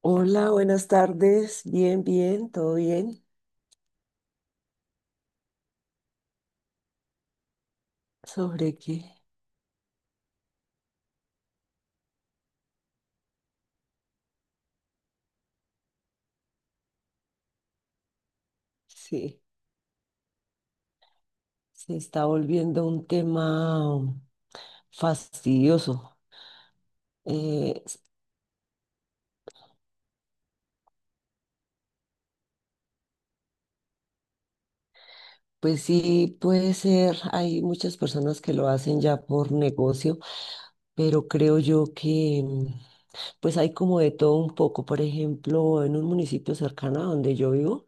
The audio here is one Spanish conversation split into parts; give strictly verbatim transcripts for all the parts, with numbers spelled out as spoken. Hola, buenas tardes. Bien, bien, todo bien. ¿Sobre qué? Sí, se está volviendo un tema fastidioso. Eh, s- pues sí, puede ser, hay muchas personas que lo hacen ya por negocio, pero creo yo que mm, pues hay como de todo un poco. Por ejemplo, en un municipio cercano a donde yo vivo,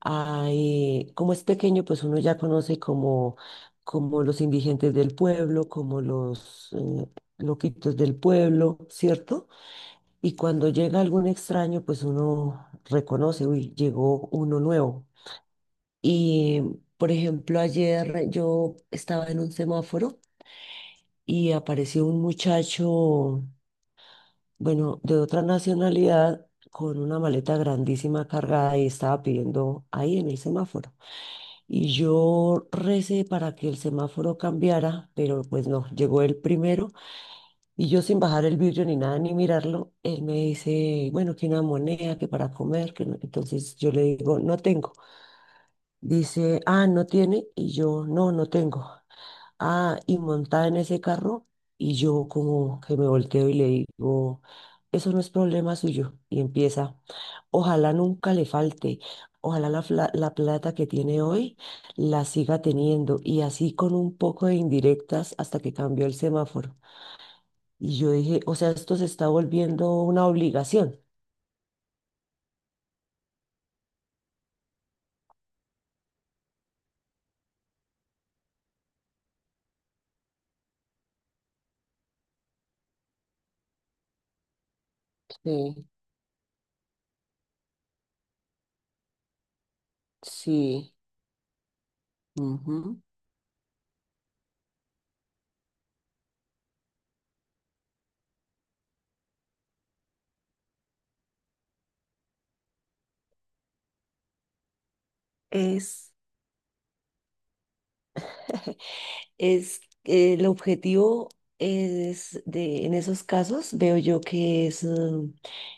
hay, como es pequeño, pues uno ya conoce como, como los indigentes del pueblo, como los eh, loquitos del pueblo, ¿cierto? Y cuando llega algún extraño, pues uno reconoce, uy, llegó uno nuevo. Y, por ejemplo, ayer yo estaba en un semáforo y apareció un muchacho, bueno, de otra nacionalidad, con una maleta grandísima cargada y estaba pidiendo ahí en el semáforo. Y yo recé para que el semáforo cambiara, pero pues no, llegó el primero y yo sin bajar el vidrio ni nada ni mirarlo, él me dice, bueno, que una moneda, que para comer, que no. Entonces yo le digo, no tengo. Dice, ah, no tiene y yo, no, no tengo. Ah, y montada en ese carro y yo como que me volteo y le digo, eso no es problema suyo y empieza. Ojalá nunca le falte, ojalá la, fla- la plata que tiene hoy la siga teniendo y así con un poco de indirectas hasta que cambió el semáforo. Y yo dije, o sea, esto se está volviendo una obligación. Sí, sí. Ujú. Es. Es, eh, el objetivo es de, en esos casos veo yo que es, mm,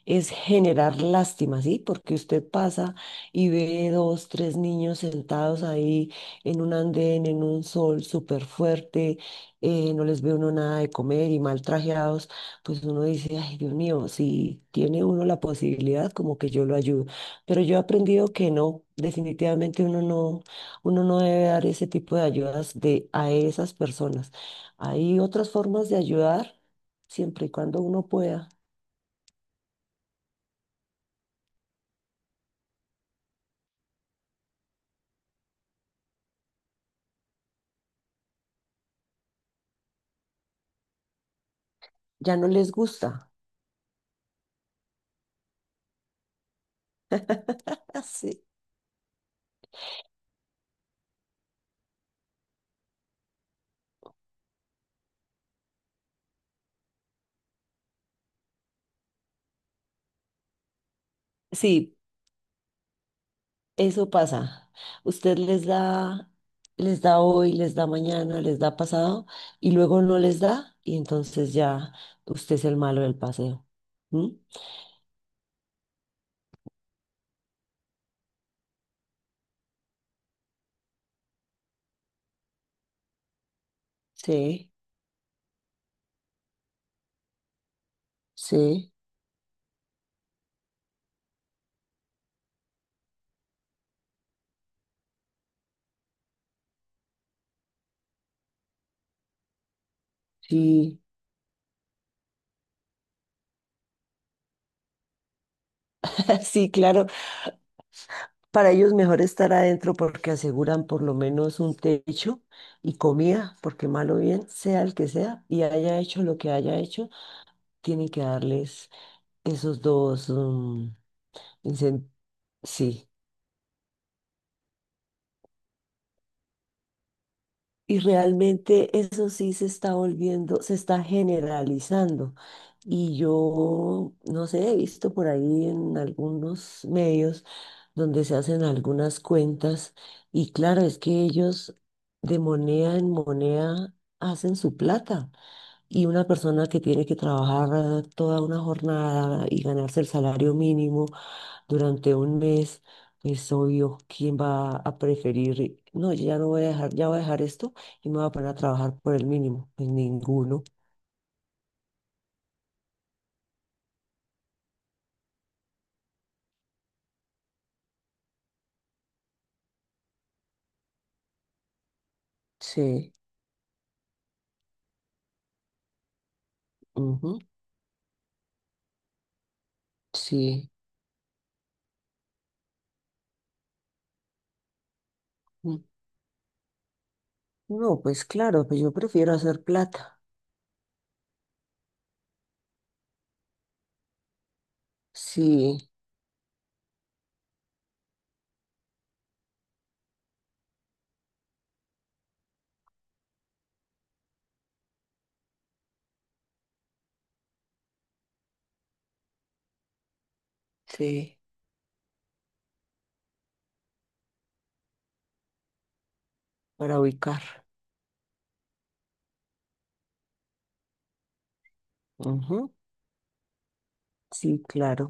es generar lástima, ¿sí? Porque usted pasa y ve dos, tres niños sentados ahí en un andén, en un sol súper fuerte, eh, no les ve uno nada de comer y mal trajeados, pues uno dice, ay, Dios mío, si tiene uno la posibilidad, como que yo lo ayudo. Pero yo he aprendido que no, definitivamente uno no. Uno no debe dar ese tipo de ayudas de, a esas personas. Hay otras formas de ayudar siempre y cuando uno pueda. Ya no les gusta. Así. Sí, eso pasa. Usted les da, les da hoy, les da mañana, les da pasado y luego no les da y entonces ya usted es el malo del paseo. ¿Mm? Sí, sí, sí, sí, claro. Para ellos mejor estar adentro porque aseguran por lo menos un techo y comida, porque malo bien, sea el que sea, y haya hecho lo que haya hecho, tienen que darles esos dos, mm, incen- sí. Y realmente eso sí se está volviendo, se está generalizando. Y yo, no sé, he visto por ahí en algunos medios donde se hacen algunas cuentas y claro, es que ellos de moneda en moneda hacen su plata. Y una persona que tiene que trabajar eh, toda una jornada y ganarse el salario mínimo durante un mes, es obvio quién va a preferir, no, yo ya no voy a dejar, ya voy a dejar esto y me voy a poner a trabajar por el mínimo. Pues ninguno. Sí, ujú, sí. Mm. No, pues claro, pues yo prefiero hacer plata. Sí, sí, para ubicar. Ujú, sí, claro.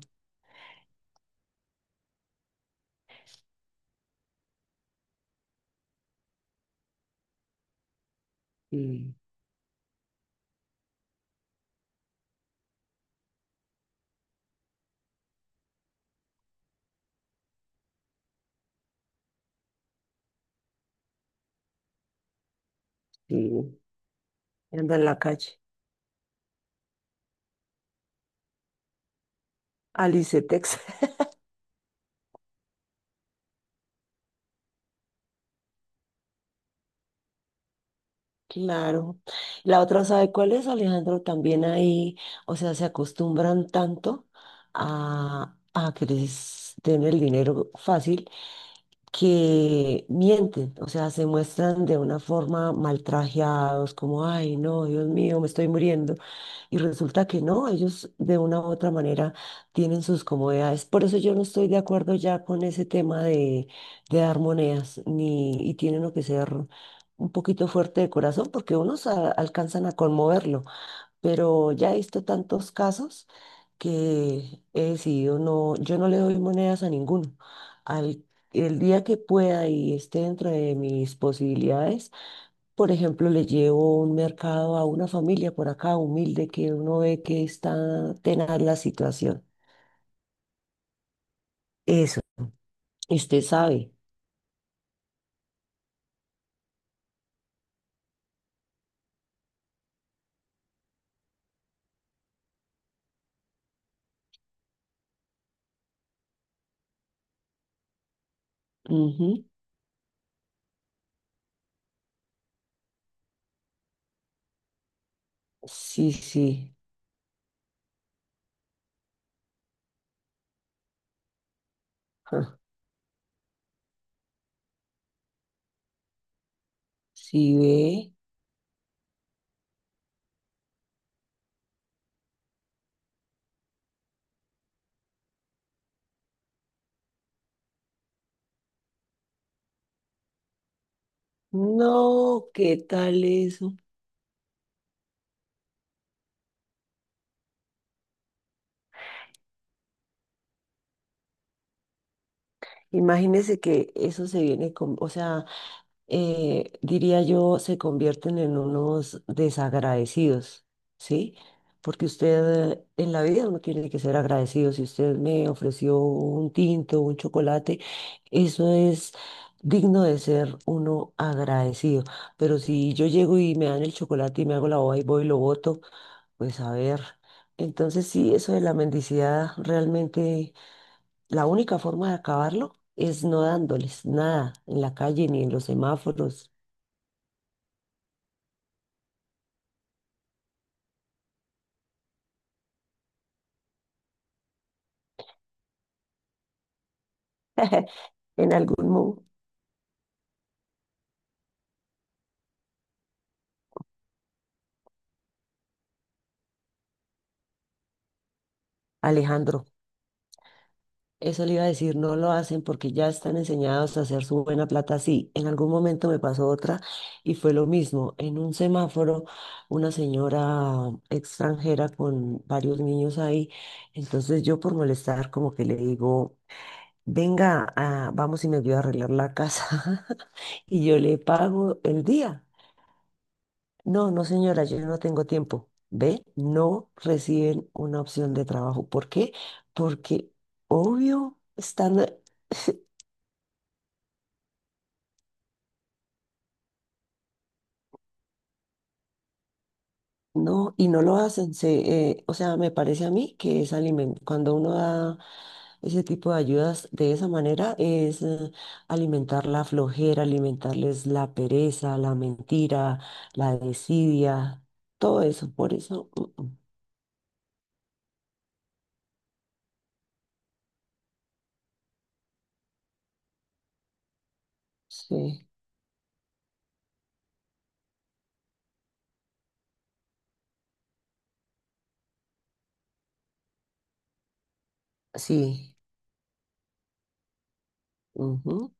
Y, y anda en la calle. Alice, Texas. Claro. La otra, ¿sabe cuál es, Alejandro? También ahí, o sea, se acostumbran tanto a, a que les den el dinero fácil que mienten, o sea, se muestran de una forma maltrajeados, como, ay, no, Dios mío, me estoy muriendo. Y resulta que no, ellos de una u otra manera tienen sus comodidades. Por eso yo no estoy de acuerdo ya con ese tema de, de dar monedas, ni, y tienen lo que ser un poquito fuerte de corazón, porque unos a- alcanzan a conmoverlo. Pero ya he visto tantos casos que he decidido no, yo no le doy monedas a ninguno. Al, el día que pueda y esté dentro de mis posibilidades por ejemplo, le llevo un mercado a una familia por acá humilde que uno ve que está tenaz la situación. Eso, usted sabe. Ujú. Sí, sí. Ja. Sí ve. No, ¿qué tal eso? Imagínese que eso se viene con, o sea, eh, diría yo, se convierten en unos desagradecidos, ¿sí? Porque usted eh, en la vida uno tiene que ser agradecido. Si usted me ofreció un tinto, un chocolate, eso es digno de ser uno agradecido. Pero si yo llego y me dan el chocolate y me hago la boba y voy y lo boto, pues a ver. Entonces sí, eso de la mendicidad realmente, la única forma de acabarlo es no dándoles nada en la calle ni en los semáforos. En algún mood. Alejandro, eso le iba a decir, no lo hacen porque ya están enseñados a hacer su buena plata así. En algún momento me pasó otra y fue lo mismo. En un semáforo, una señora extranjera con varios niños ahí, entonces yo por molestar como que le digo... Venga, ah, vamos y me ayuda a arreglar la casa y yo le pago el día. No, no, señora, yo no tengo tiempo. ¿Ve? No reciben una opción de trabajo. ¿Por qué? Porque, obvio, están, eh, no, y no lo hacen. Se, eh, o sea, me parece a mí que es alimen- cuando uno da ese tipo de ayudas de esa manera, es eh, alimentar la flojera, alimentarles la pereza, la mentira, la desidia, todo eso. Por eso, mm, mm, sí, sí. Ujú.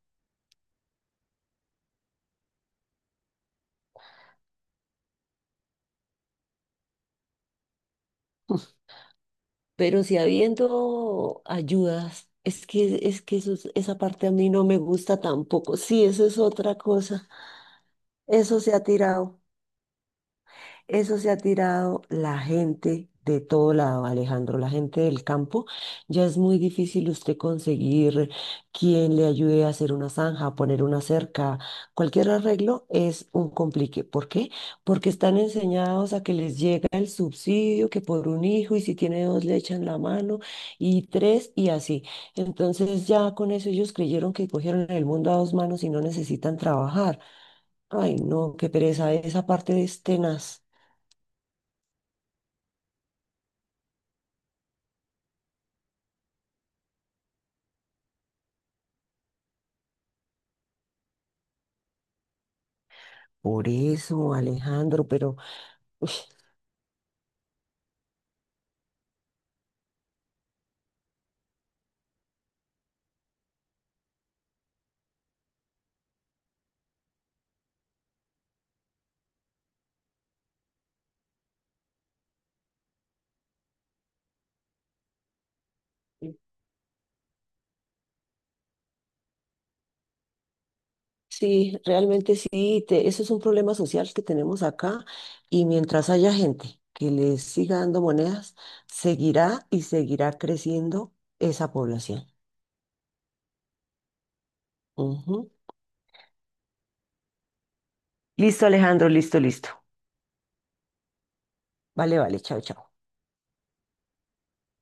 Pero si habiendo ayudas, es que, es que eso es- esa parte a mí no me gusta tampoco. Sí, eso es otra cosa. Eso se ha tirado. Eso se ha tirado la gente de todo lado, Alejandro, la gente del campo. Ya es muy difícil usted conseguir quien le ayude a hacer una zanja, a poner una cerca. Cualquier arreglo es un complique. ¿Por qué? Porque están enseñados a que les llega el subsidio, que por un hijo, y si tiene dos le echan la mano, y tres, y así. Entonces ya con eso ellos creyeron que cogieron el mundo a dos manos y no necesitan trabajar. Ay, no, qué pereza, esa parte es tenaz. Por eso, Alejandro, pero uy, sí, realmente sí, te- eso es un problema social que tenemos acá y mientras haya gente que les siga dando monedas, seguirá y seguirá creciendo esa población. Ujú. Listo, Alejandro, listo, listo. Vale, vale, chao, chao.